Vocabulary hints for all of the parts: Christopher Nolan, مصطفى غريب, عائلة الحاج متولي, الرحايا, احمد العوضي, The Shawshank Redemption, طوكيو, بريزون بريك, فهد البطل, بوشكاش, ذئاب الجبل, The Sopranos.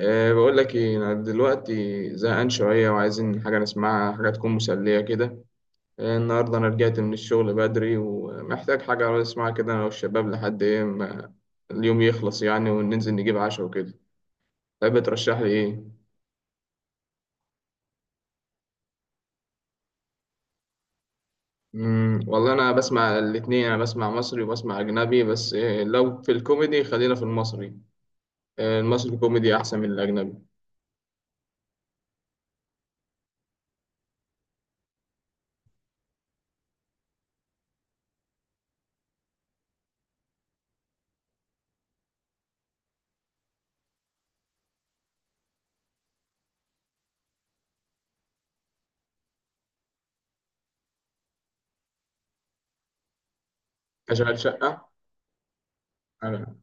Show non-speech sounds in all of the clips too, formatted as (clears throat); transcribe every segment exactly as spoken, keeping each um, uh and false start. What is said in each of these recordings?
أه بقول لك ايه، انا دلوقتي زهقان شويه وعايزين حاجه نسمعها، حاجه تكون مسليه كده. أه النهارده انا رجعت من الشغل بدري ومحتاج حاجه اسمعها كده انا والشباب لحد ايه ما اليوم يخلص يعني، وننزل نجيب عشاء وكده. تحب ترشح لي ايه؟ مم والله انا بسمع الاتنين، انا بسمع مصري وبسمع اجنبي، بس أه لو في الكوميدي خلينا في المصري. أه المصري كوميدي احسن من الاجنبي. اشغال شقه. أنا-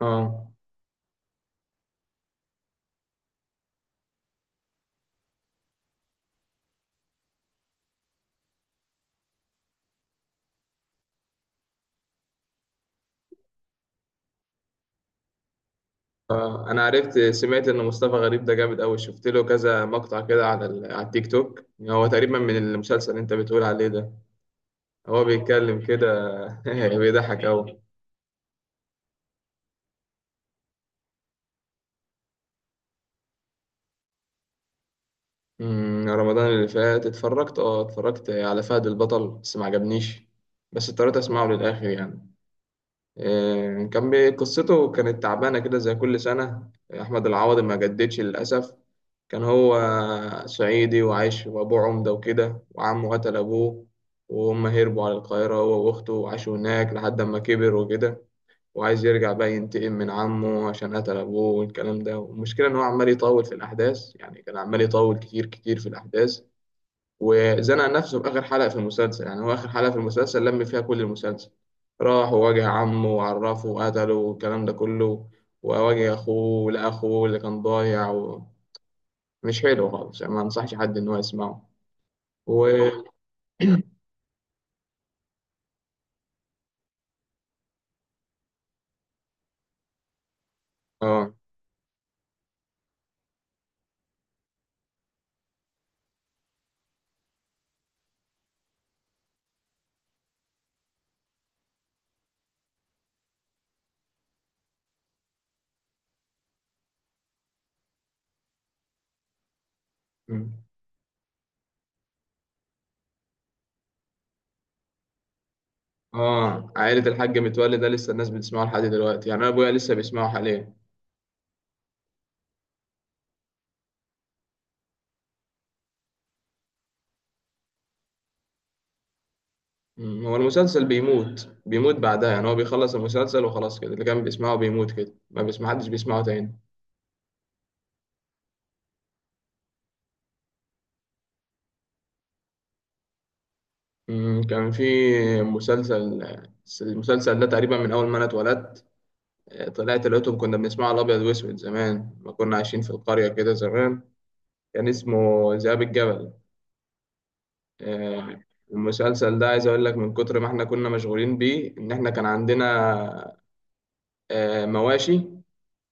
اه، اه، انا عرفت، سمعت ان مصطفى غريب ده جامد قوي، شفت له كذا مقطع كده على ال- على التيك توك، هو تقريبا من المسلسل اللي انت بتقول عليه ده. هو بيتكلم كده. (laughs) بيضحك قوي. أمم، رمضان اللي فات اتفرجت اه اتفرجت على فهد البطل بس ما عجبنيش. بس اضطريت اسمعه للاخر يعني. إيه، كان بي- قصته كانت تعبانه كده زي كل سنه. احمد العوضي ما جددش للاسف. كان هو صعيدي وعايش وأبوه عمدة وكده، وعمه قتل أبوه. وهم هربوا على القاهرة هو وأخته وعاشوا هناك لحد ما كبر وكده. وعايز يرجع بقى ينتقم من عمه عشان قتل أبوه والكلام ده. والمشكلة إن هو عمال يطول في الأحداث يعني، كان عمال يطول كتير كتير في الأحداث. وزنق نفسه في آخر حلقة في المسلسل. يعني هو آخر حلقة في المسلسل لم فيها كل المسلسل، راح وواجه عمه وعرفه وقتله والكلام ده كله، وواجه أخوه لأخوه اللي كان ضايع و... مش حلو خالص يعني، ما انصحش حد ان هو يسمعه. و، اه، مم. اه، عائلة الحاج متولي ده لسه الناس بتسمعه لحد دلوقتي يعني، انا ابويا لسه بيسمعه حاليا. مم. هو المسلسل بيموت، بيموت بعدها يعني، هو بيخلص المسلسل وخلاص كده، اللي كان بيسمعه بيموت كده، ما بيسمع حدش بيسمعه تاني. مم. كان في مسلسل المسلسل ده تقريبا من اول ما انا اتولدت. آه، طلعت لقيتهم كنا بنسمعه الابيض واسود زمان، ما كنا عايشين في القرية كده زمان. كان اسمه ذئاب الجبل. آه، المسلسل ده عايز اقول لك من كتر ما احنا كنا مشغولين بيه ان احنا كان عندنا آه، مواشي،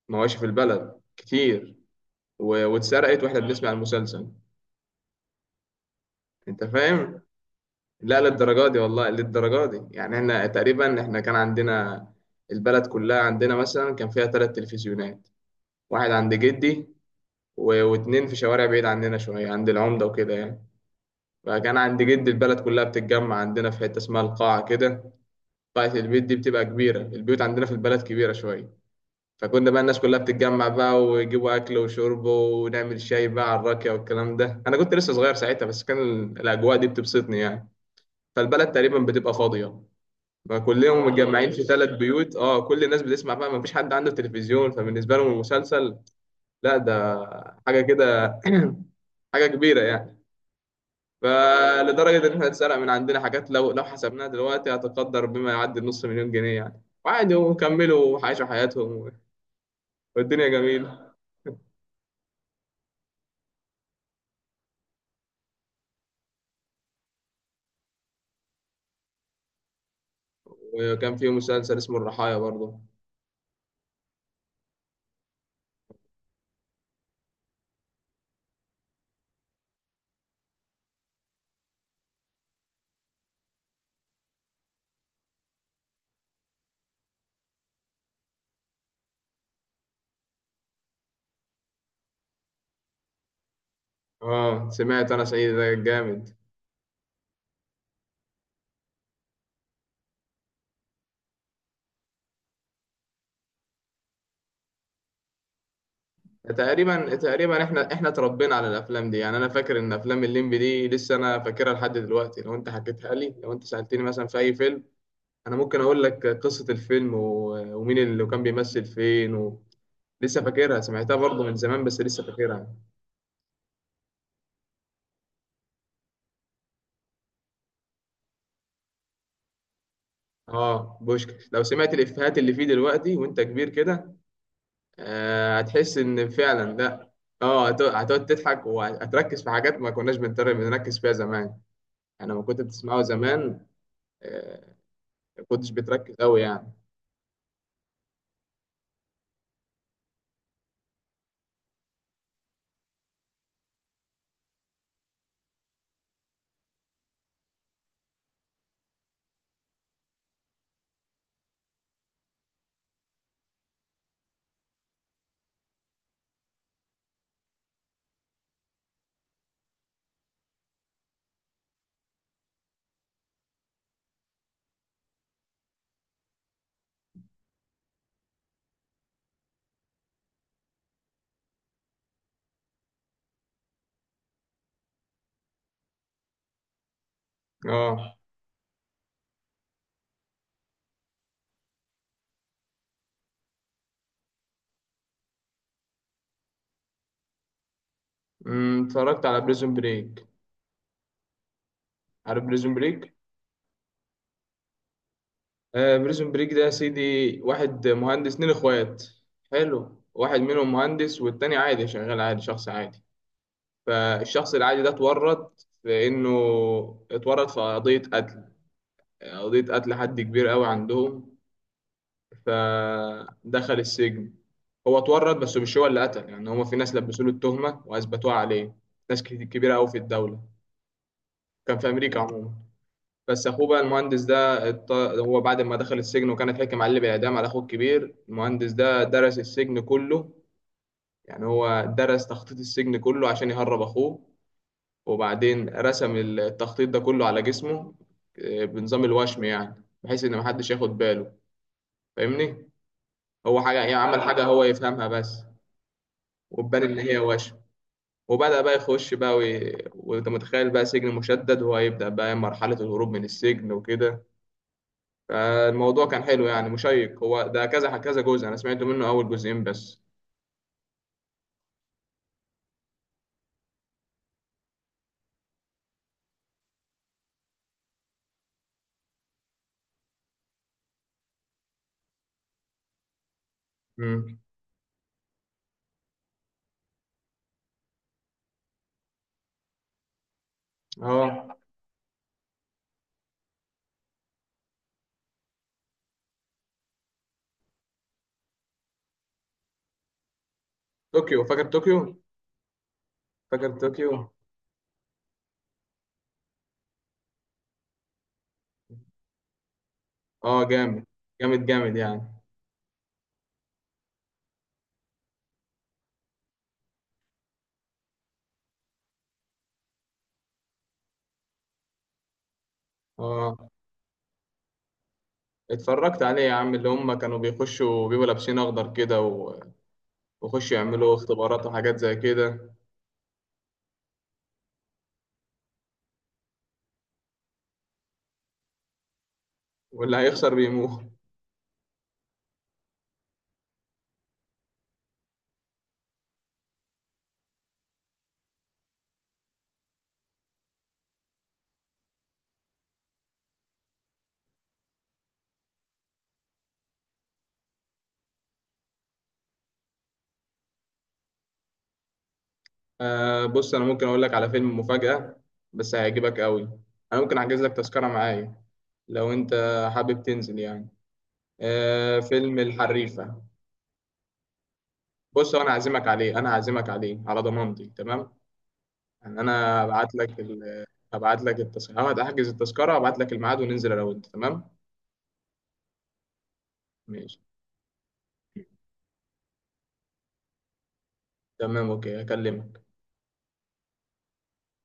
مواشي في البلد كتير. و- واتسرقت واحنا بنسمع المسلسل. انت فاهم؟ لا، للدرجه دي والله، للدرجه دي يعني، احنا تقريبا، احنا كان عندنا البلد كلها. عندنا مثلا كان فيها ثلاث تلفزيونات، واحد عند جدي و- واتنين في شوارع بعيد عننا شويه عند العمده وكده يعني. فكان عند جدي البلد كلها بتتجمع عندنا في حته اسمها القاعه كده، بتاعت البيت دي بتبقى كبيرة، البيوت عندنا في البلد كبيرة شوية. فكنا بقى الناس كلها بتتجمع بقى ويجيبوا أكل وشرب ونعمل شاي بقى على الراكية والكلام ده. أنا كنت لسه صغير ساعتها بس كان ال- الأجواء دي بتبسطني يعني. فالبلد تقريبا بتبقى فاضية، فكلهم متجمعين في ثلاث بيوت. اه كل الناس بتسمع بقى، مفيش حد عنده تلفزيون، فبالنسبة لهم المسلسل، لا، ده حاجة كده، (clears throat) حاجة كبيرة يعني. فلدرجة إن إحنا اتسرق من عندنا حاجات، لو لو حسبناها دلوقتي هتقدر بما يعدي النص مليون جنيه يعني، وعادي وكملوا عاشوا حياتهم والدنيا جميلة. وكان فيه مسلسل اسمه الرحايا برضه. اه، سمعت أنا سعيد ده جامد. تقريبا تقريبا احنا احنا اتربينا على الافلام دي يعني. انا فاكر ان افلام الليمبي دي لسه انا فاكرها لحد دلوقتي، لو انت حكيتها لي لو انت سالتني مثلا في اي فيلم، انا ممكن اقول لك قصه الفيلم و- ومين اللي كان بيمثل فين و... لسه فاكرها، سمعتها برضه من زمان بس لسه فاكرها. اه، بوشكاش لو سمعت الافيهات اللي فيه دلوقتي وانت كبير كده، آه، هتحس ان فعلا لا. اه، هت- هتقعد تضحك، وهتركز في حاجات ما كناش بنتر- بنركز فيها زمان. انا ما كنت بتسمعه زمان. آه، ما كنتش بتركز قوي يعني. اه، أمم، اتفرجت على بريزون بريك. عارف بريزون بريك؟ آه، بريزون بريك ده يا سيدي، واحد مهندس، اتنين اخوات، حلو، واحد منهم مهندس والتاني عادي، شغال عادي شخص عادي. فالشخص العادي ده اتورط في انه اتورط في قضية قتل، قضية قتل حد كبير قوي عندهم، فدخل السجن. هو اتورط بس مش هو اللي قتل يعني، هما في ناس لبسوا له التهمة واثبتوها عليه، ناس كت- كبيرة قوي في الدولة. كان في امريكا عموما. بس اخوه بقى المهندس ده ات- هو بعد ما دخل السجن وكان اتحكم عليه بالاعدام، على اخوه الكبير، المهندس ده درس السجن كله، يعني هو درس تخطيط السجن كله عشان يهرب اخوه. وبعدين رسم التخطيط ده كله على جسمه، آه، بنظام الوشم يعني، بحيث ان محدش ياخد باله، فاهمني، هو حاجه يعني، عمل حاجه هو يفهمها بس، وتبان ان هي وشم. وبدأ بقى يخش بقى وي... وانت متخيل بقى سجن مشدد، وهيبدأ بقى مرحلة الهروب من السجن وكده. فالموضوع كان حلو يعني، مشيق. هو ده كذا كذا جزء، انا سمعت منه اول جزئين بس. امم اه، طوكيو، فاكر طوكيو؟ فاكر طوكيو؟ اه، جامد، جامد جامد يعني. اه، اتفرجت عليه يا عم، اللي هم كانوا بيخشوا بيبقوا لابسين اخضر كده و- ويخشوا يعملوا اختبارات وحاجات زي كده. واللي هيخسر بيموت. آه، بص، انا ممكن اقول لك على فيلم مفاجأة بس هيعجبك قوي، انا ممكن احجز لك تذكرة معايا لو انت حابب تنزل يعني. آه، فيلم الحريفة. بص هو، انا هعزمك عليه، انا هعزمك عليه على ضمانتي، تمام؟ يعني انا هبعت لك ال... هبعت لك التذكرة، هحجز التذكرة، هبعت لك الميعاد، وننزل انا وانت، تمام؟ ماشي تمام، اوكي، هكلمك.